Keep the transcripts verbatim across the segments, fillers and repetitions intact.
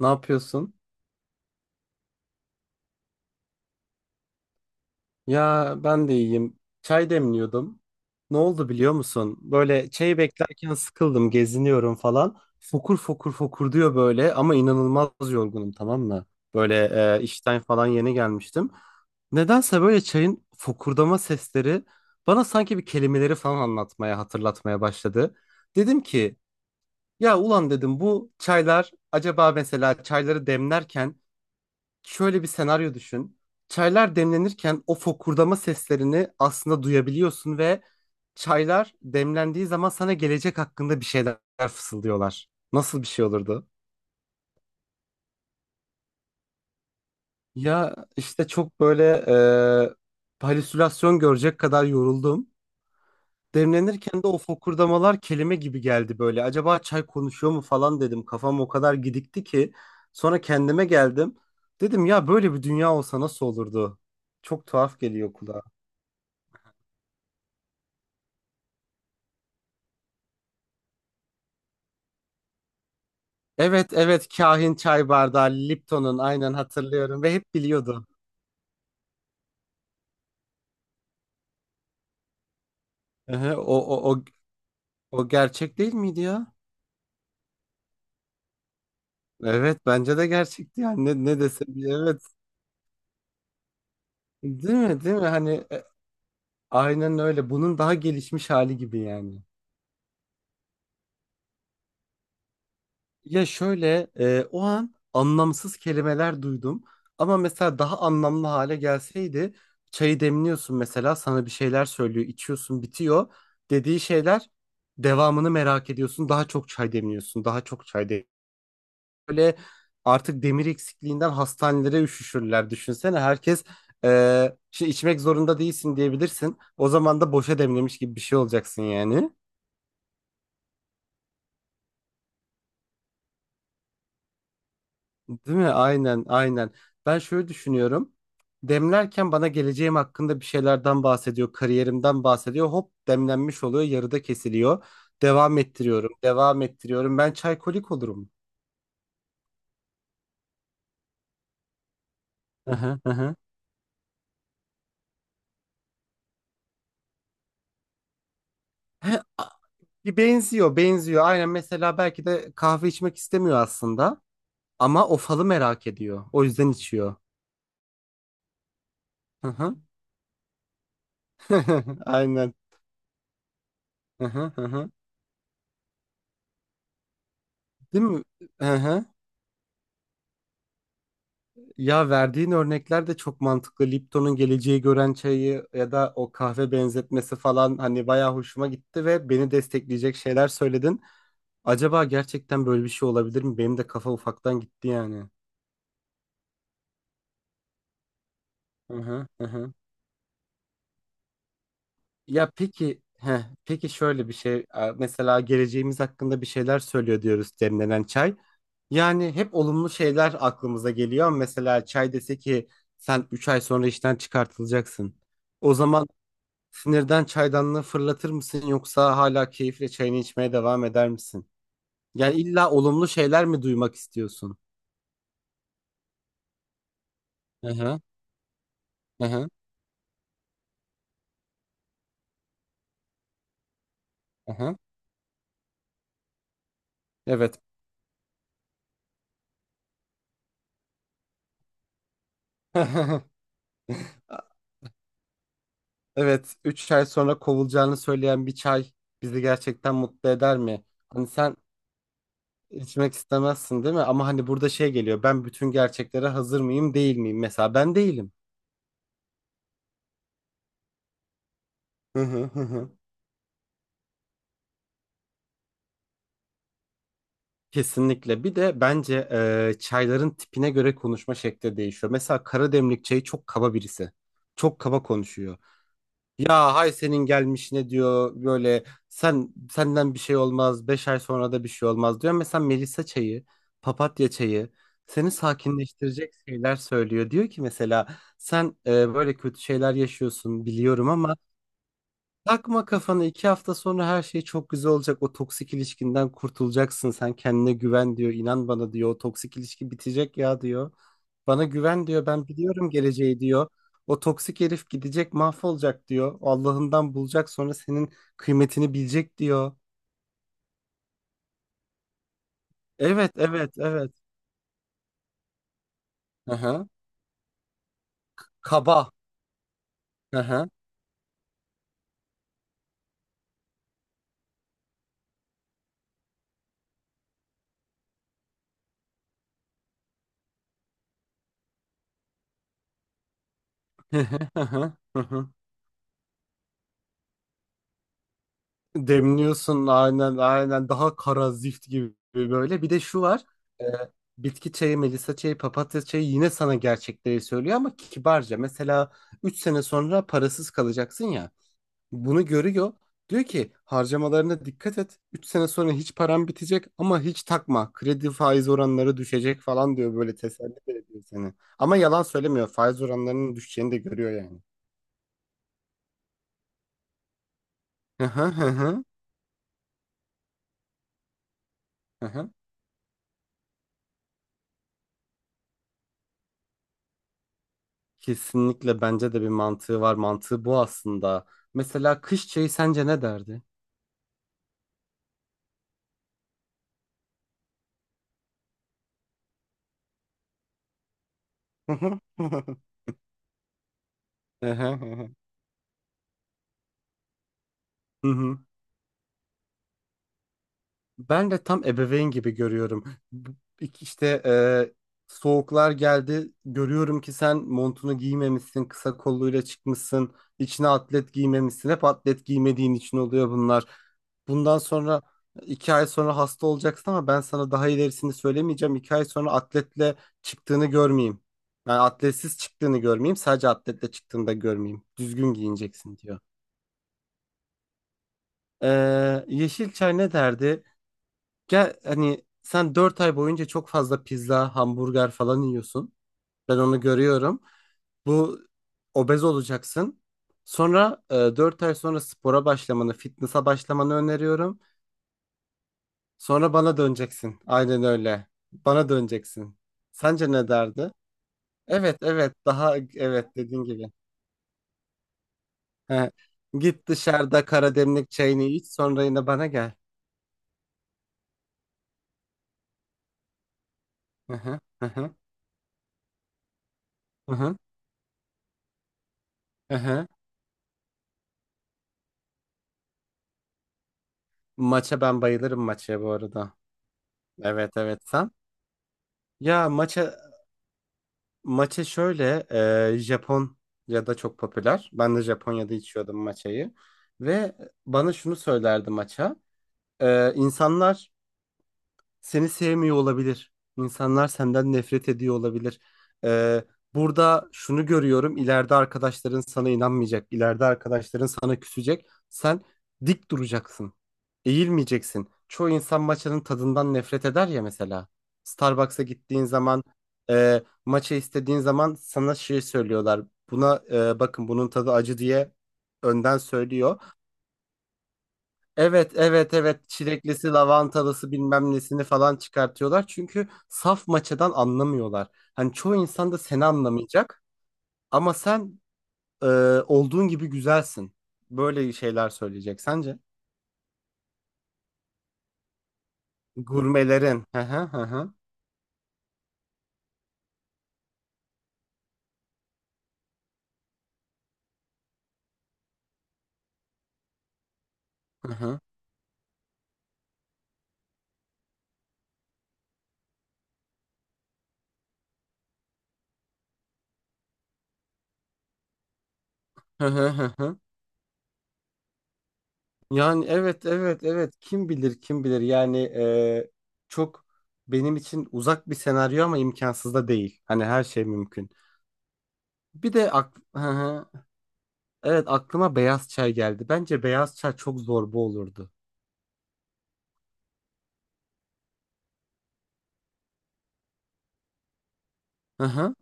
Ne yapıyorsun? Ya ben de iyiyim. Çay demliyordum. Ne oldu biliyor musun? Böyle çayı beklerken sıkıldım, geziniyorum falan. Fokur fokur fokur diyor böyle ama inanılmaz yorgunum, tamam mı? Böyle e, işten falan yeni gelmiştim. Nedense böyle çayın fokurdama sesleri bana sanki bir kelimeleri falan anlatmaya, hatırlatmaya başladı. Dedim ki ya ulan, dedim, bu çaylar acaba mesela çayları demlerken, şöyle bir senaryo düşün. Çaylar demlenirken o fokurdama seslerini aslında duyabiliyorsun ve çaylar demlendiği zaman sana gelecek hakkında bir şeyler fısıldıyorlar. Nasıl bir şey olurdu? Ya işte çok böyle e, halüsinasyon görecek kadar yoruldum. Demlenirken de o fokurdamalar kelime gibi geldi böyle. Acaba çay konuşuyor mu falan dedim. Kafam o kadar gidikti ki. Sonra kendime geldim. Dedim ya, böyle bir dünya olsa nasıl olurdu? Çok tuhaf geliyor kulağa. Evet evet, kahin çay bardağı Lipton'un, aynen hatırlıyorum ve hep biliyordu. Ehe, o, o, o, o gerçek değil miydi ya? Evet, bence de gerçekti, yani ne, ne desem evet, değil mi, değil mi, hani e, aynen öyle, bunun daha gelişmiş hali gibi yani. Ya şöyle e, o an anlamsız kelimeler duydum ama mesela daha anlamlı hale gelseydi, çayı demliyorsun, mesela sana bir şeyler söylüyor, içiyorsun, bitiyor, dediği şeyler, devamını merak ediyorsun, daha çok çay demliyorsun, daha çok çay demliyorsun. Böyle artık demir eksikliğinden hastanelere üşüşürler, düşünsene, herkes e, şey içmek zorunda değilsin diyebilirsin, o zaman da boşa demlemiş gibi bir şey olacaksın yani. Değil mi? Aynen, aynen. Ben şöyle düşünüyorum. Demlerken bana geleceğim hakkında bir şeylerden bahsediyor, kariyerimden bahsediyor. Hop, demlenmiş oluyor, yarıda kesiliyor. Devam ettiriyorum, devam ettiriyorum. Ben çaykolik olurum. Hı hı, hı hı. He, a- bir benziyor, benziyor. Aynen, mesela belki de kahve içmek istemiyor aslında. Ama o falı merak ediyor. O yüzden içiyor. Hı hı. Aynen. Hı hı, hı hı. Değil mi? Hı hı. Ya, verdiğin örnekler de çok mantıklı. Lipton'un geleceği gören çayı ya da o kahve benzetmesi falan, hani bayağı hoşuma gitti ve beni destekleyecek şeyler söyledin. Acaba gerçekten böyle bir şey olabilir mi? Benim de kafa ufaktan gitti yani. Hı hı, hı hı. Ya peki, heh, peki şöyle bir şey. e, Mesela geleceğimiz hakkında bir şeyler söylüyor diyoruz demlenen çay. Yani hep olumlu şeyler aklımıza geliyor. Mesela çay dese ki sen üç ay sonra işten çıkartılacaksın. O zaman sinirden çaydanlığı fırlatır mısın, yoksa hala keyifle çayını içmeye devam eder misin? Yani illa olumlu şeyler mi duymak istiyorsun? Hı hı, hı. Evet. Evet, üç ay sonra kovulacağını söyleyen bir çay bizi gerçekten mutlu eder mi? Hani sen içmek istemezsin değil mi? Ama hani burada şey geliyor. Ben bütün gerçeklere hazır mıyım, değil miyim? Mesela ben değilim. Hı hı, hı hı. Kesinlikle. Bir de bence e, çayların tipine göre konuşma şekli değişiyor. Mesela kara demlik çayı çok kaba birisi. Çok kaba konuşuyor. Ya hay senin gelmiş ne diyor böyle, sen, senden bir şey olmaz, beş ay sonra da bir şey olmaz diyor. Mesela melisa çayı, papatya çayı seni sakinleştirecek şeyler söylüyor. Diyor ki mesela sen e, böyle kötü şeyler yaşıyorsun, biliyorum, ama takma kafana, iki hafta sonra her şey çok güzel olacak. O toksik ilişkinden kurtulacaksın. Sen kendine güven diyor. İnan bana diyor. O toksik ilişki bitecek ya diyor. Bana güven diyor. Ben biliyorum geleceği diyor. O toksik herif gidecek, mahvolacak diyor. Allah'ından bulacak, sonra senin kıymetini bilecek diyor. Evet evet evet. Aha. Kaba. Aha. Demliyorsun, aynen aynen, daha kara zift gibi böyle. Bir de şu var. e, Bitki çayı, melisa çayı, papatya çayı yine sana gerçekleri söylüyor ama kibarca. Mesela üç sene sonra parasız kalacaksın ya. Bunu görüyor. Diyor ki harcamalarına dikkat et. Üç sene sonra hiç param bitecek ama hiç takma. Kredi faiz oranları düşecek falan diyor, böyle teselli de ediyor seni. Ama yalan söylemiyor. Faiz oranlarının düşeceğini de görüyor yani. Hı hı hı hı. Hı hı. Kesinlikle bence de bir mantığı var. Mantığı bu aslında. Mesela kış çayı sence ne derdi? Hı hı. Ben de tam ebeveyn gibi görüyorum. Bu- İşte e, soğuklar geldi. Görüyorum ki sen montunu giymemişsin, kısa kolluyla çıkmışsın, içine atlet giymemişsin. Hep atlet giymediğin için oluyor bunlar. Bundan sonra, iki ay sonra hasta olacaksın ama ben sana daha ilerisini söylemeyeceğim. İki ay sonra atletle çıktığını görmeyeyim. Yani atletsiz çıktığını görmeyeyim, sadece atletle çıktığını da görmeyeyim. Düzgün giyineceksin diyor. Ee, Yeşilçay ne derdi? Gel hani, sen dört ay boyunca çok fazla pizza, hamburger falan yiyorsun. Ben onu görüyorum. Bu obez olacaksın. Sonra e, dört ay sonra spora başlamanı, fitness'a başlamanı öneriyorum. Sonra bana döneceksin. Aynen öyle. Bana döneceksin. Sence ne derdi? Evet, evet. Daha, evet dediğin gibi. He. Git dışarıda karademlik çayını iç, sonra yine bana gel. Hı hı, hı hı, hı hı, hı hı. Maça ben bayılırım, maçaya bu arada. Evet, evet. Sen? Ya maça, maça şöyle e, Japon ya da çok popüler. Ben de Japonya'da içiyordum maçayı ve bana şunu söylerdi maça. E, insanlar seni sevmiyor olabilir. İnsanlar senden nefret ediyor olabilir. Ee, burada şunu görüyorum. İleride arkadaşların sana inanmayacak. İleride arkadaşların sana küsecek. Sen dik duracaksın. Eğilmeyeceksin. Çoğu insan maçanın tadından nefret eder ya mesela. Starbucks'a gittiğin zaman e, maça istediğin zaman sana şey söylüyorlar. Buna e, bakın, bunun tadı acı diye önden söylüyor. Evet evet evet, çileklisi, lavantalısı, bilmem nesini falan çıkartıyorlar. Çünkü saf maçadan anlamıyorlar. Hani çoğu insan da seni anlamayacak ama sen e, olduğun gibi güzelsin. Böyle şeyler söyleyecek sence? Gurmelerin. Hı hı hı hı. Hı hı hı hı hı hı. Yani evet evet evet, kim bilir, kim bilir yani e, çok benim için uzak bir senaryo ama imkansız da değil. Hani her şey mümkün. Bir de ak- hı hı. Evet, aklıma beyaz çay geldi. Bence beyaz çay çok zorba olurdu. Hı hı.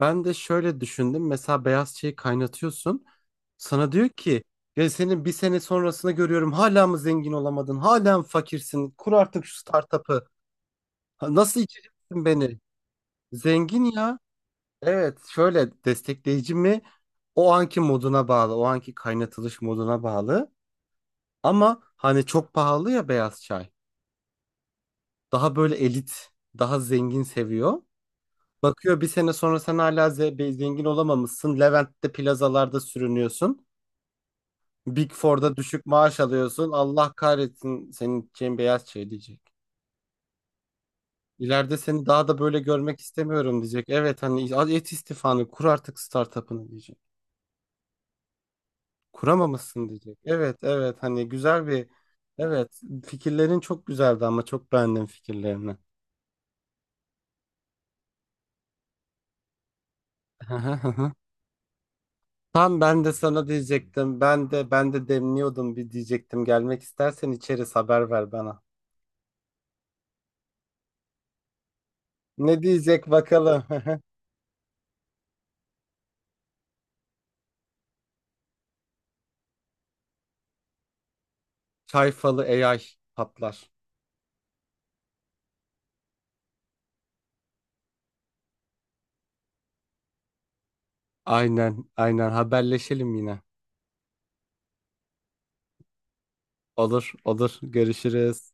Ben de şöyle düşündüm. Mesela beyaz çayı kaynatıyorsun. Sana diyor ki ya, senin bir sene sonrasını görüyorum. Hala mı zengin olamadın? Hala mı fakirsin? Kur artık şu startup'ı. Ha, nasıl içeceksin beni? Zengin ya. Evet, şöyle destekleyici mi? O anki moduna bağlı. O anki kaynatılış moduna bağlı. Ama hani çok pahalı ya beyaz çay. Daha böyle elit, daha zengin seviyor. Bakıyor, bir sene sonra sen hala ze- zengin olamamışsın. Levent'te plazalarda sürünüyorsun. Big Four'da düşük maaş alıyorsun. Allah kahretsin senin için, beyaz şey diyecek. İleride seni daha da böyle görmek istemiyorum diyecek. Evet, hani al et istifanı, kur artık startup'ını diyecek. Kuramamışsın diyecek. Evet evet, hani güzel bir, evet, fikirlerin çok güzeldi ama, çok beğendim fikirlerini. Tam ben de sana diyecektim. Ben de ben de demliyordum bir diyecektim. Gelmek istersen içeriz, haber ver bana. Ne diyecek bakalım. Çay falı A I patlar. Aynen aynen, haberleşelim yine. Olur olur, görüşürüz.